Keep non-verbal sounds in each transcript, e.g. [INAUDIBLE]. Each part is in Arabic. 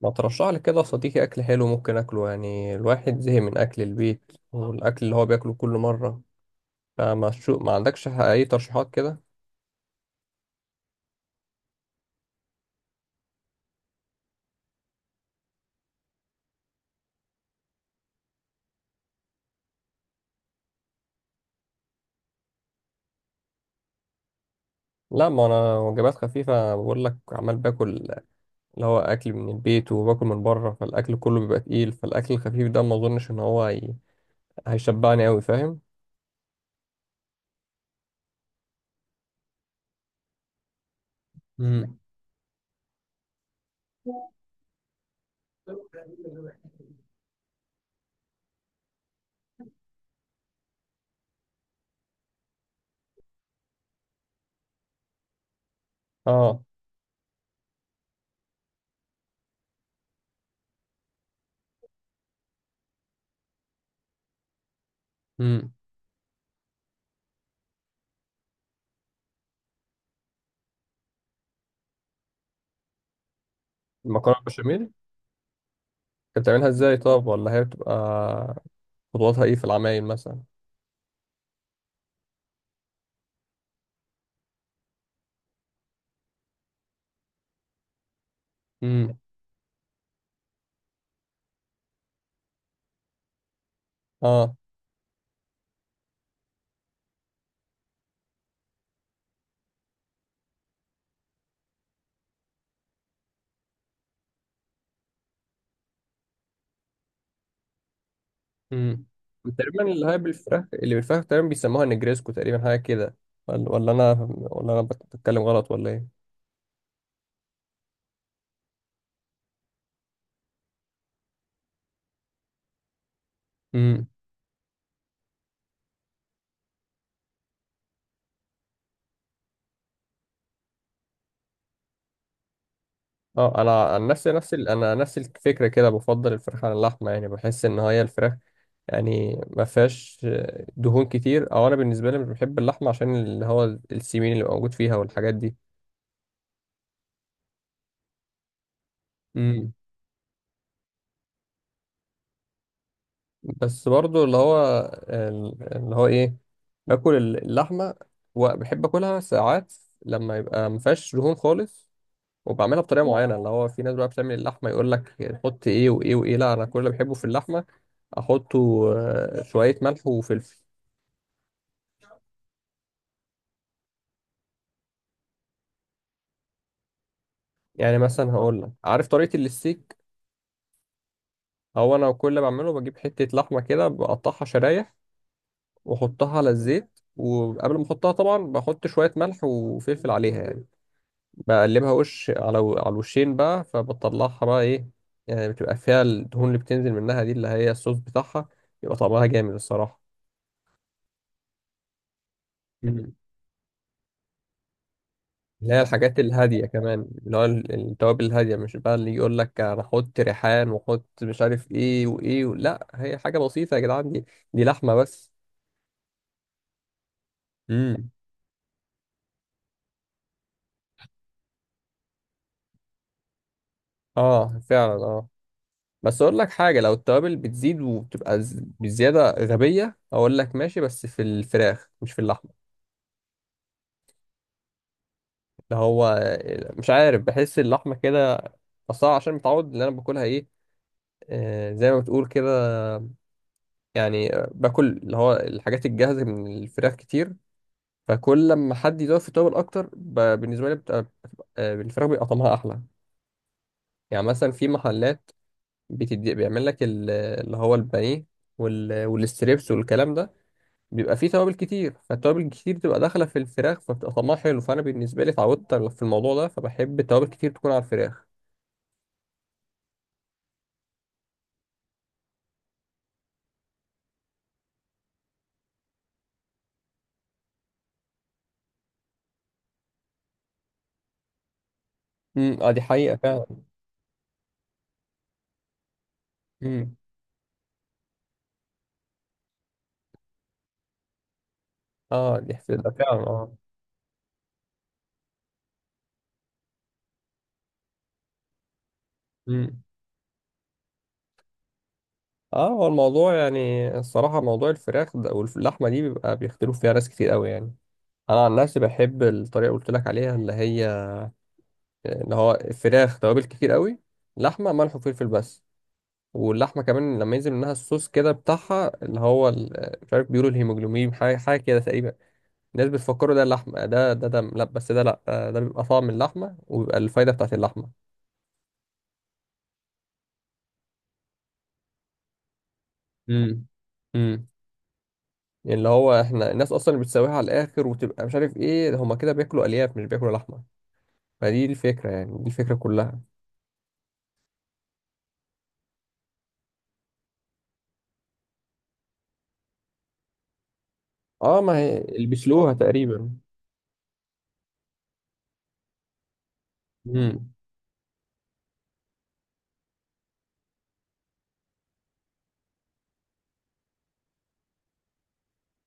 ما ترشح لي كده يا صديقي اكل حلو ممكن اكله؟ يعني الواحد زهق من اكل البيت والاكل اللي هو بياكله كل مره. فما شو، ما عندكش اي ترشيحات كده؟ لا، ما انا وجبات خفيفه بقول لك، عمال باكل اللي هو اكل من البيت وباكل من بره، فالاكل كله بيبقى تقيل، فالاكل الخفيف ده ما اظنش ان هو هيشبعني قوي، فاهم؟ امم. اه. امم. المكرونه البشاميل انت بتعملها ازاي طب؟ ولا هي بتبقى خطواتها ايه في العمايل مثلا؟ امم. اه. امم. تقريبا اللي بالفراخ تقريبا بيسموها نجريسكو، تقريبا حاجه كده. ولا انا بتكلم غلط ولا ايه؟ امم. اه، انا عن نفسي، انا نفس الفكره كده، بفضل الفراخ على اللحمه، يعني بحس ان هي الفراخ يعني ما فيهاش دهون كتير، او انا بالنسبه لي مش بحب اللحمه عشان اللي هو السمين اللي موجود فيها والحاجات دي. امم. بس برضو اللي هو ايه، باكل اللحمه وبحب اكلها ساعات لما يبقى ما فيهاش دهون خالص. وبعملها بطريقه معينه. اللي هو في ناس بقى بتعمل اللحمه يقول لك حط ايه وايه وايه، لا انا كل اللي بحبه في اللحمه احطه، شويه ملح وفلفل. يعني مثلا هقول لك، عارف طريقه الستيك؟ هو انا كل اللي بعمله بجيب حته لحمه كده، بقطعها شرايح واحطها على الزيت، وقبل ما احطها طبعا بحط شويه ملح وفلفل عليها يعني، بقلبها وش على الوشين بقى، فبطلعها بقى ايه. يعني بتبقى فيها الدهون اللي بتنزل منها دي اللي هي الصوص بتاعها، يبقى طعمها جامد الصراحه. اللي هي الحاجات الهادية كمان، التوابل الهادية، مش بقى اللي يقول لك أنا أحط ريحان وأحط مش عارف إيه وإيه لا هي حاجة بسيطة يا جدعان دي. دي لحمة بس. امم. آه فعلا آه. بس أقول لك حاجة، لو التوابل بتزيد وبتبقى بزيادة غبية، أقول لك ماشي، بس في الفراخ مش في اللحمة. اللي هو مش عارف، بحس اللحمة كده أصلا عشان متعود اللي أنا باكلها إيه، زي ما بتقول كده. يعني باكل اللي هو الحاجات الجاهزة من الفراخ كتير. فكل لما حد يدور في توابل اكتر بالنسبه لي بتبقى الفراخ بيبقى طعمها احلى. يعني مثلا في محلات بيعمل لك اللي هو البانيه والستريبس والكلام ده. بيبقى فيه توابل كتير، فالتوابل الكتير بتبقى داخله في الفراخ فبتبقى طعمها حلو، فانا بالنسبه لي اتعودت في الموضوع ده فبحب التوابل كتير تكون على الفراخ. امم. اه، دي حقيقه فعلا. امم. اه، دي حقيقة فعلا اه. امم. اه، هو الموضوع يعني الصراحه، موضوع الفراخ ده واللحمه دي بيبقى بيختلف فيها ناس كتير قوي يعني. انا عن نفسي بحب الطريقه اللي قلت لك عليها، اللي هو الفراخ توابل كتير قوي، لحمه ملح وفلفل بس. واللحمه كمان لما ينزل منها الصوص كده بتاعها مش عارف، بيقولوا الهيموجلوبين حاجه حاجه كده تقريبا. الناس بتفكروا ده اللحمه، ده دم، لا بس ده، لا، ده بيبقى طعم اللحمه وبيبقى الفايده بتاعت اللحمه. امم. امم. يعني اللي هو احنا الناس اصلا اللي بتسويها على الاخر وتبقى مش عارف ايه ده، هما كده بياكلوا الياف مش بياكلوا لحمه. فدي الفكره، يعني دي الفكره كلها. اه، ما هي اللي بيسلوها تقريبا. مم.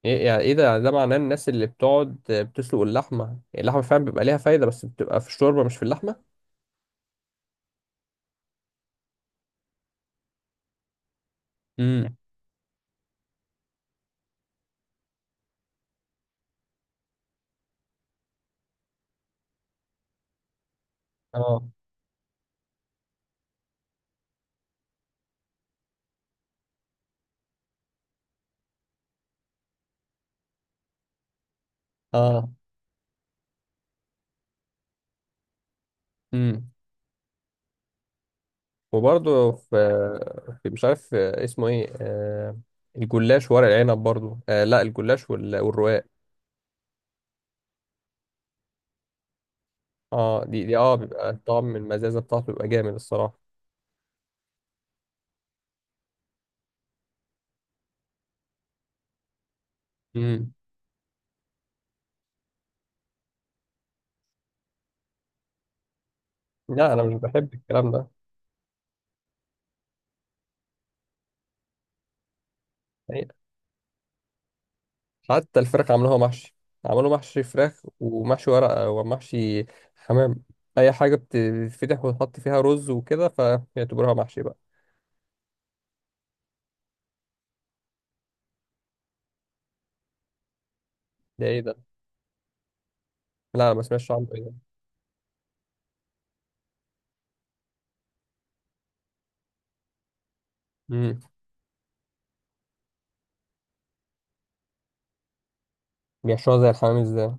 ايه يعني؟ ايه ده يعني؟ ده معناه الناس اللي بتقعد بتسلق اللحمه، يعني اللحمه فعلا بيبقى ليها فايده بس بتبقى في الشوربه مش في اللحمه. امم. اه، اه. امم. وبرضه في مش عارف اسمه ايه، الجلاش ورق العنب برضه. آه لا، الجلاش والرقاق. اه، دي بيبقى الطعم المزازه بتاعته بيبقى جامد الصراحه. امم. لا، انا مش بحب الكلام ده. حتى الفراخ عملوها محشي. عملوا محشي فراخ ومحشي ورقة ومحشي حمام. أي حاجة بتتفتح وتحط فيها رز وكده فيعتبروها محشي بقى. ده إيه ده؟ لا، أنا ما سمعتش عنه، إيه ده؟ مم. بيحشوها زي الحمام إزاي؟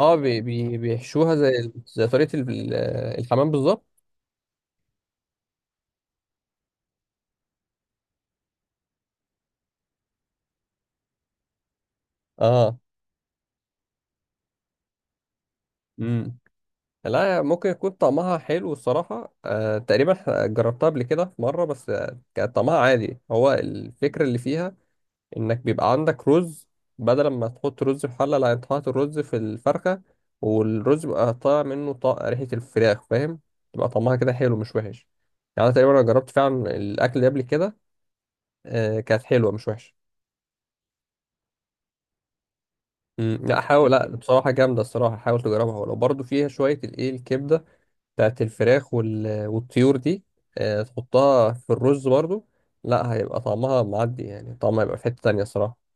أه، بي بي بيحشوها زي زي طريقة الحمام بالظبط؟ أه. مم. لا، ممكن يكون طعمها حلو الصراحة، تقريبا جربتها قبل كده في مرة بس كان طعمها عادي. هو الفكرة اللي فيها انك بيبقى عندك رز، بدل ما تحط رز في حله، لا انت حاطط الرز في الفرخه، والرز بيبقى طالع منه ريحه الفراخ، فاهم؟ تبقى طعمها كده حلو مش وحش. يعني أنا تقريبا جربت فعلا الاكل ده قبل كده. آه، كانت حلوه مش وحشه. مم، لا حاول، لا بصراحه جامده الصراحه، حاول تجربها، ولو برضو فيها شويه الايه الكبده بتاعت الفراخ والطيور دي. آه، تحطها في الرز برضو. لا هيبقى طعمها معدي، يعني طعمها هيبقى في حته تانيه الصراحه.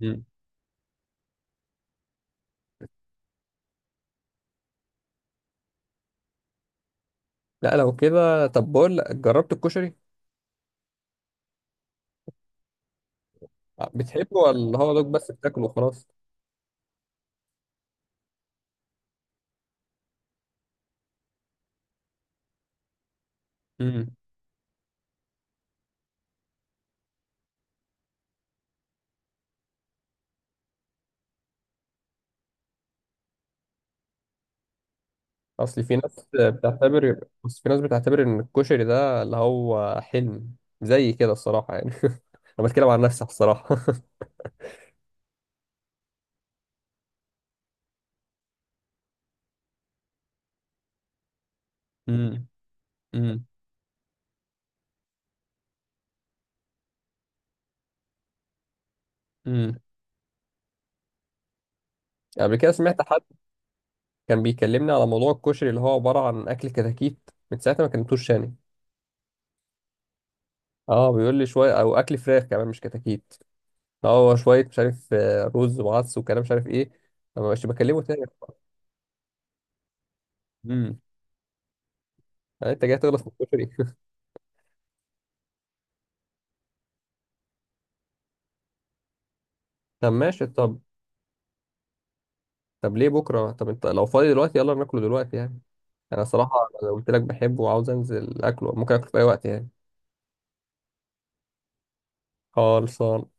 مم. لا لو كده، طب بقول لك، جربت الكشري؟ بتحبه ولا هو دوك بس بتاكله وخلاص؟ امم. اصل في ناس بتعتبر بس في ناس بتعتبر ان الكشري ده اللي هو حلم، زي كده الصراحه يعني. [LAUGHS] انا بتكلم عن نفسي الصراحه. [LAUGHS] امم. امم. امم. قبل كده سمعت حد كان بيكلمني على موضوع الكشري، اللي هو عباره عن اكل كتاكيت. من ساعتها ما كلمتوش تاني. اه، بيقول لي شويه، او اكل فراخ كمان مش كتاكيت. هو شويه مش عارف رز وعدس وكلام مش عارف ايه. ما بقاش بكلمه تاني. امم. يعني انت جاي تغلط في الكشري؟ [LAUGHS] طب ماشي طب. طب ليه بكره؟ طب انت لو فاضي دلوقتي يلا ناكله دلوقتي يعني. انا صراحه، لو قلت لك بحبه وعاوز انزل اكله، ممكن اكله في اي وقت يعني. خالص.